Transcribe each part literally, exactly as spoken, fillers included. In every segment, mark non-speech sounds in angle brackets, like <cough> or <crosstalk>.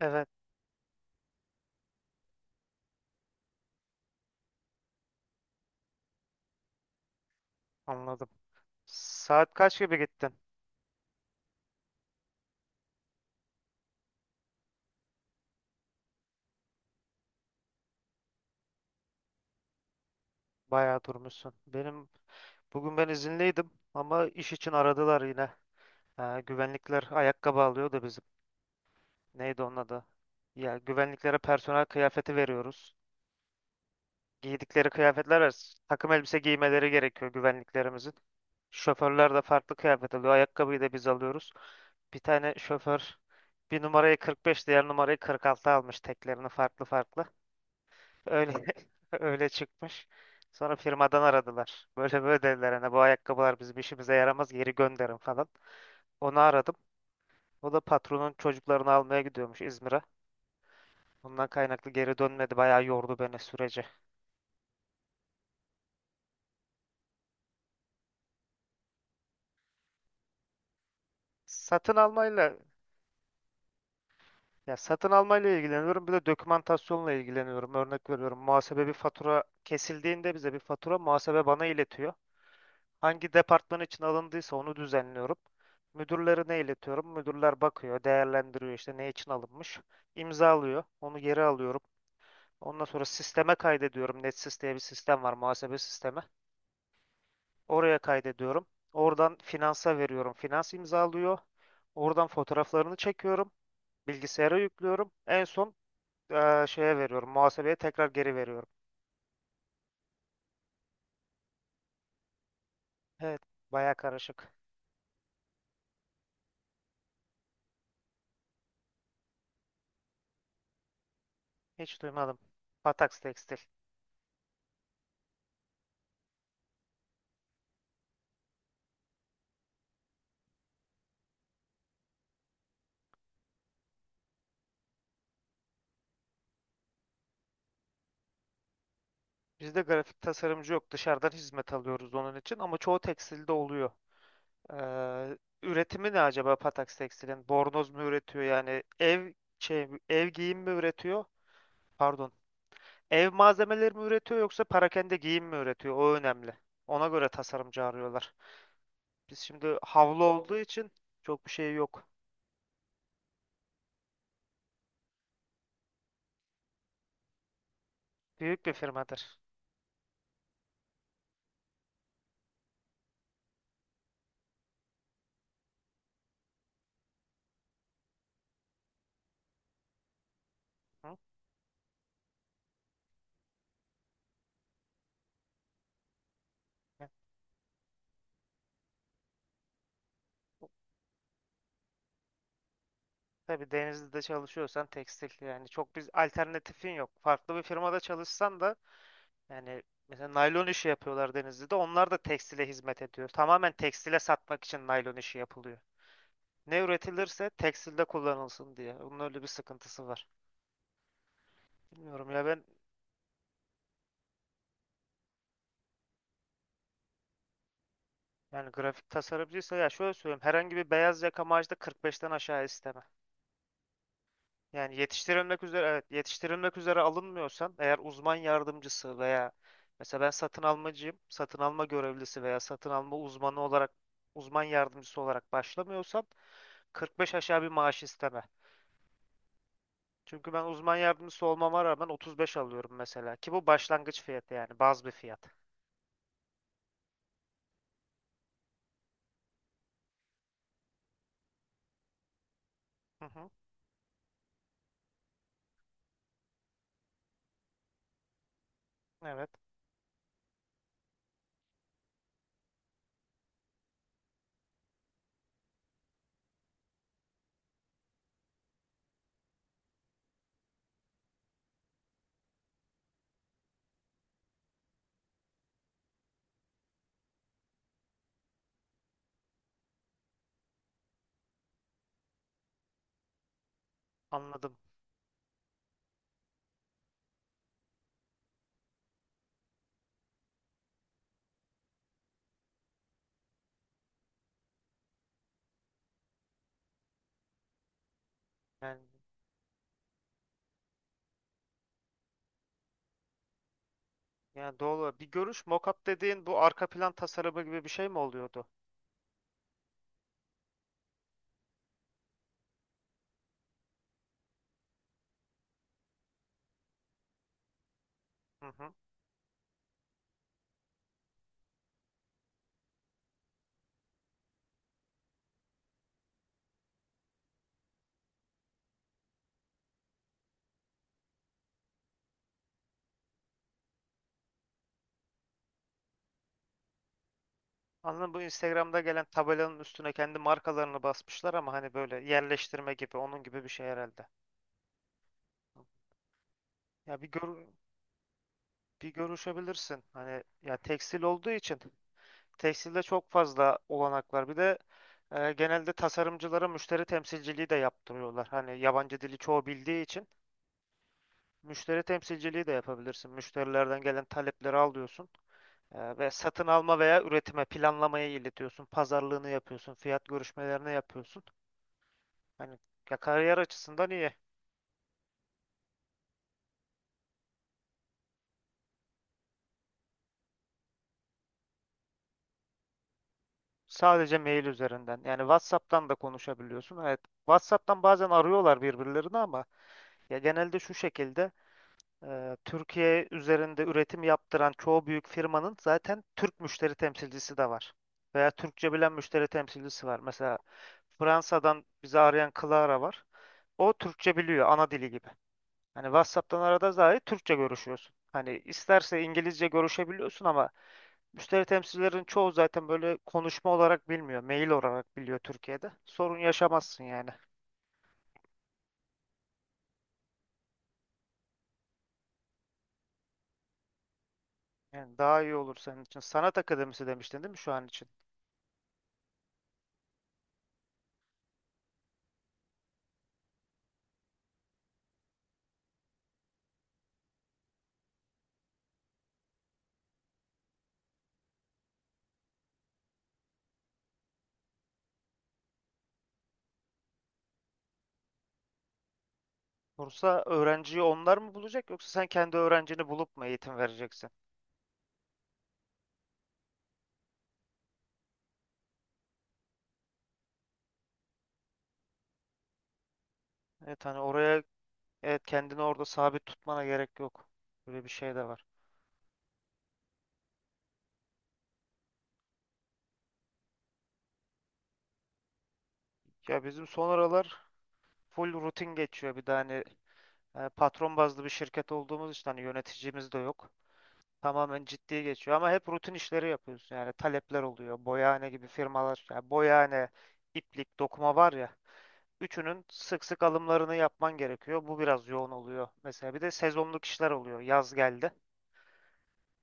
Evet, anladım. Saat kaç gibi gittin? Bayağı durmuşsun. Benim bugün ben izinliydim ama iş için aradılar yine. Ha, güvenlikler ayakkabı alıyor da bizim. Neydi onun adı? Ya güvenliklere personel kıyafeti veriyoruz. Giydikleri kıyafetler var. Takım elbise giymeleri gerekiyor güvenliklerimizin. Şoförler de farklı kıyafet alıyor. Ayakkabıyı da biz alıyoruz. Bir tane şoför bir numarayı kırk beş, diğer numarayı kırk altı almış teklerini farklı farklı. Öyle <laughs> öyle çıkmış. Sonra firmadan aradılar. Böyle böyle dediler hani bu ayakkabılar bizim işimize yaramaz geri gönderin falan. Onu aradım. O da patronun çocuklarını almaya gidiyormuş İzmir'e. Bundan kaynaklı geri dönmedi. Bayağı yordu beni süreci. Satın almayla ya satın almayla ilgileniyorum. Bir de dokümantasyonla ilgileniyorum. Örnek veriyorum. Muhasebe bir fatura kesildiğinde bize bir fatura muhasebe bana iletiyor. Hangi departman için alındıysa onu düzenliyorum. Müdürlerine iletiyorum. Müdürler bakıyor, değerlendiriyor işte ne için alınmış. İmzalıyor. Onu geri alıyorum. Ondan sonra sisteme kaydediyorum. NetSys diye bir sistem var, muhasebe sistemi. Oraya kaydediyorum. Oradan finansa veriyorum. Finans imzalıyor. Oradan fotoğraflarını çekiyorum. Bilgisayara yüklüyorum. En son eee, şeye veriyorum. Muhasebeye tekrar geri veriyorum. Evet, baya karışık. Hiç duymadım. Patax Tekstil. Bizde grafik tasarımcı yok. Dışarıdan hizmet alıyoruz onun için ama çoğu tekstilde oluyor. Ee, Üretimi ne acaba Patax Tekstil'in? Bornoz mu üretiyor yani ev şey ev giyim mi üretiyor? Pardon. Ev malzemeleri mi üretiyor yoksa perakende giyim mi üretiyor? O önemli. Ona göre tasarımcı arıyorlar. Biz şimdi havlu olduğu için çok bir şey yok. Büyük bir firmadır. Hı? Yani, tabii Denizli'de çalışıyorsan tekstil yani çok bir alternatifin yok. Farklı bir firmada çalışsan da. Yani mesela naylon işi yapıyorlar Denizli'de. Onlar da tekstile hizmet ediyor. Tamamen tekstile satmak için naylon işi yapılıyor. Ne üretilirse tekstilde kullanılsın diye. Bunun öyle bir sıkıntısı var. Bilmiyorum ya ben. Yani grafik tasarımcıysa ya şöyle söyleyeyim. Herhangi bir beyaz yaka maaşı da kırk beşten aşağı isteme. Yani yetiştirilmek üzere, evet yetiştirilmek üzere alınmıyorsan eğer uzman yardımcısı veya mesela ben satın almacıyım, satın alma görevlisi veya satın alma uzmanı olarak uzman yardımcısı olarak başlamıyorsam kırk beş aşağı bir maaş isteme. Çünkü ben uzman yardımcısı olmama rağmen otuz beş alıyorum mesela ki bu başlangıç fiyatı yani baz bir fiyat. Hı hı, evet, anladım. Yani, yani doğru. Bir görüş, mockup dediğin bu arka plan tasarımı gibi bir şey mi oluyordu? Hı hı. Anladın. Bu Instagram'da gelen tabelanın üstüne kendi markalarını basmışlar ama hani böyle yerleştirme gibi onun gibi bir şey herhalde. Ya bir gör bir görüşebilirsin. Hani ya tekstil olduğu için tekstilde çok fazla olanak var. Bir de e, genelde tasarımcılara müşteri temsilciliği de yaptırıyorlar. Hani yabancı dili çoğu bildiği için müşteri temsilciliği de yapabilirsin. Müşterilerden gelen talepleri alıyorsun. E, ve satın alma veya üretime planlamaya iletiyorsun. Pazarlığını yapıyorsun. Fiyat görüşmelerini yapıyorsun. Hani ya kariyer açısından iyi. Sadece mail üzerinden. Yani WhatsApp'tan da konuşabiliyorsun. Evet. WhatsApp'tan bazen arıyorlar birbirlerini ama ya genelde şu şekilde e, Türkiye üzerinde üretim yaptıran çoğu büyük firmanın zaten Türk müşteri temsilcisi de var. Veya Türkçe bilen müşteri temsilcisi var. Mesela Fransa'dan bizi arayan Clara var. O Türkçe biliyor ana dili gibi. Hani WhatsApp'tan arada dahi Türkçe görüşüyorsun. Hani isterse İngilizce görüşebiliyorsun ama müşteri temsilcilerin çoğu zaten böyle konuşma olarak bilmiyor. Mail olarak biliyor Türkiye'de. Sorun yaşamazsın yani. Yani daha iyi olur senin için. Sanat akademisi demiştin değil mi şu an için? Bursa öğrenciyi onlar mı bulacak yoksa sen kendi öğrencini bulup mu eğitim vereceksin? Evet, hani oraya, evet, kendini orada sabit tutmana gerek yok. Böyle bir şey de var. Ya bizim son aralar full rutin geçiyor. Bir de hani e, patron bazlı bir şirket olduğumuz için hani yöneticimiz de yok. Tamamen ciddiye geçiyor ama hep rutin işleri yapıyorsun yani talepler oluyor. Boyahane gibi firmalar yani boyahane, iplik, dokuma var ya üçünün sık sık alımlarını yapman gerekiyor. Bu biraz yoğun oluyor. Mesela bir de sezonluk işler oluyor. Yaz geldi.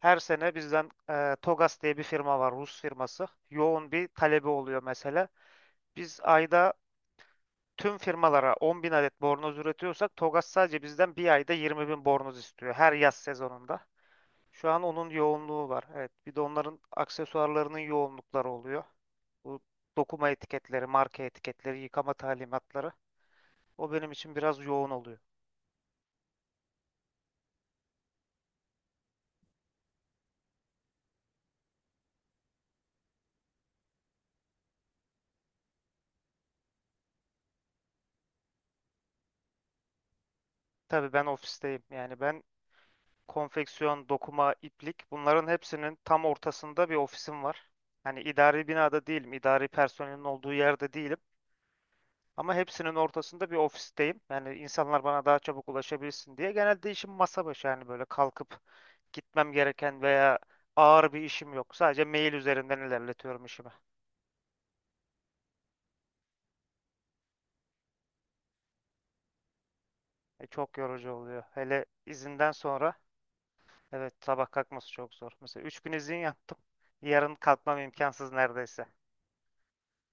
Her sene bizden e, Togas diye bir firma var, Rus firması. Yoğun bir talebi oluyor mesela. Biz ayda tüm firmalara on bin adet bornoz üretiyorsak Togas sadece bizden bir ayda yirmi bin bornoz istiyor her yaz sezonunda. Şu an onun yoğunluğu var. Evet. Bir de onların aksesuarlarının yoğunlukları oluyor. Bu dokuma etiketleri, marka etiketleri, yıkama talimatları. O benim için biraz yoğun oluyor. Tabii ben ofisteyim. Yani ben konfeksiyon, dokuma, iplik bunların hepsinin tam ortasında bir ofisim var. Hani idari binada değilim, idari personelin olduğu yerde değilim. Ama hepsinin ortasında bir ofisteyim. Yani insanlar bana daha çabuk ulaşabilsin diye. Genelde işim masa başı yani böyle kalkıp gitmem gereken veya ağır bir işim yok. Sadece mail üzerinden ilerletiyorum işimi. E, çok yorucu oluyor. Hele izinden sonra evet sabah kalkması çok zor. Mesela üç gün izin yaptım. Yarın kalkmam imkansız neredeyse.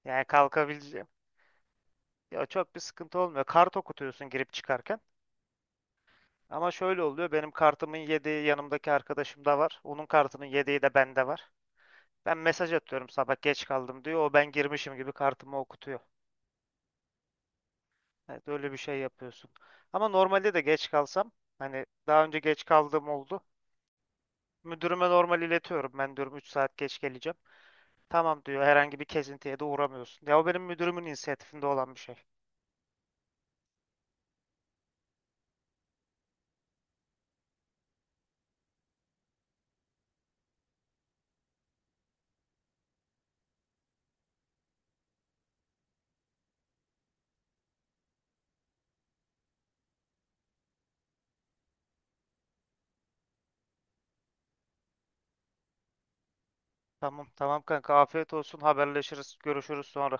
Yani kalkabileceğim. Ya çok bir sıkıntı olmuyor. Kart okutuyorsun girip çıkarken. Ama şöyle oluyor. Benim kartımın yedeği yanımdaki arkadaşım da var. Onun kartının yedeği de bende var. Ben mesaj atıyorum sabah geç kaldım diyor. O ben girmişim gibi kartımı okutuyor. Evet, öyle bir şey yapıyorsun. Ama normalde de geç kalsam hani daha önce geç kaldığım oldu. Müdürüme normal iletiyorum. Ben diyorum üç saat geç geleceğim. Tamam diyor. Herhangi bir kesintiye de uğramıyorsun. Ya o benim müdürümün inisiyatifinde olan bir şey. Tamam, tamam, kanka, afiyet olsun. Haberleşiriz. Görüşürüz sonra.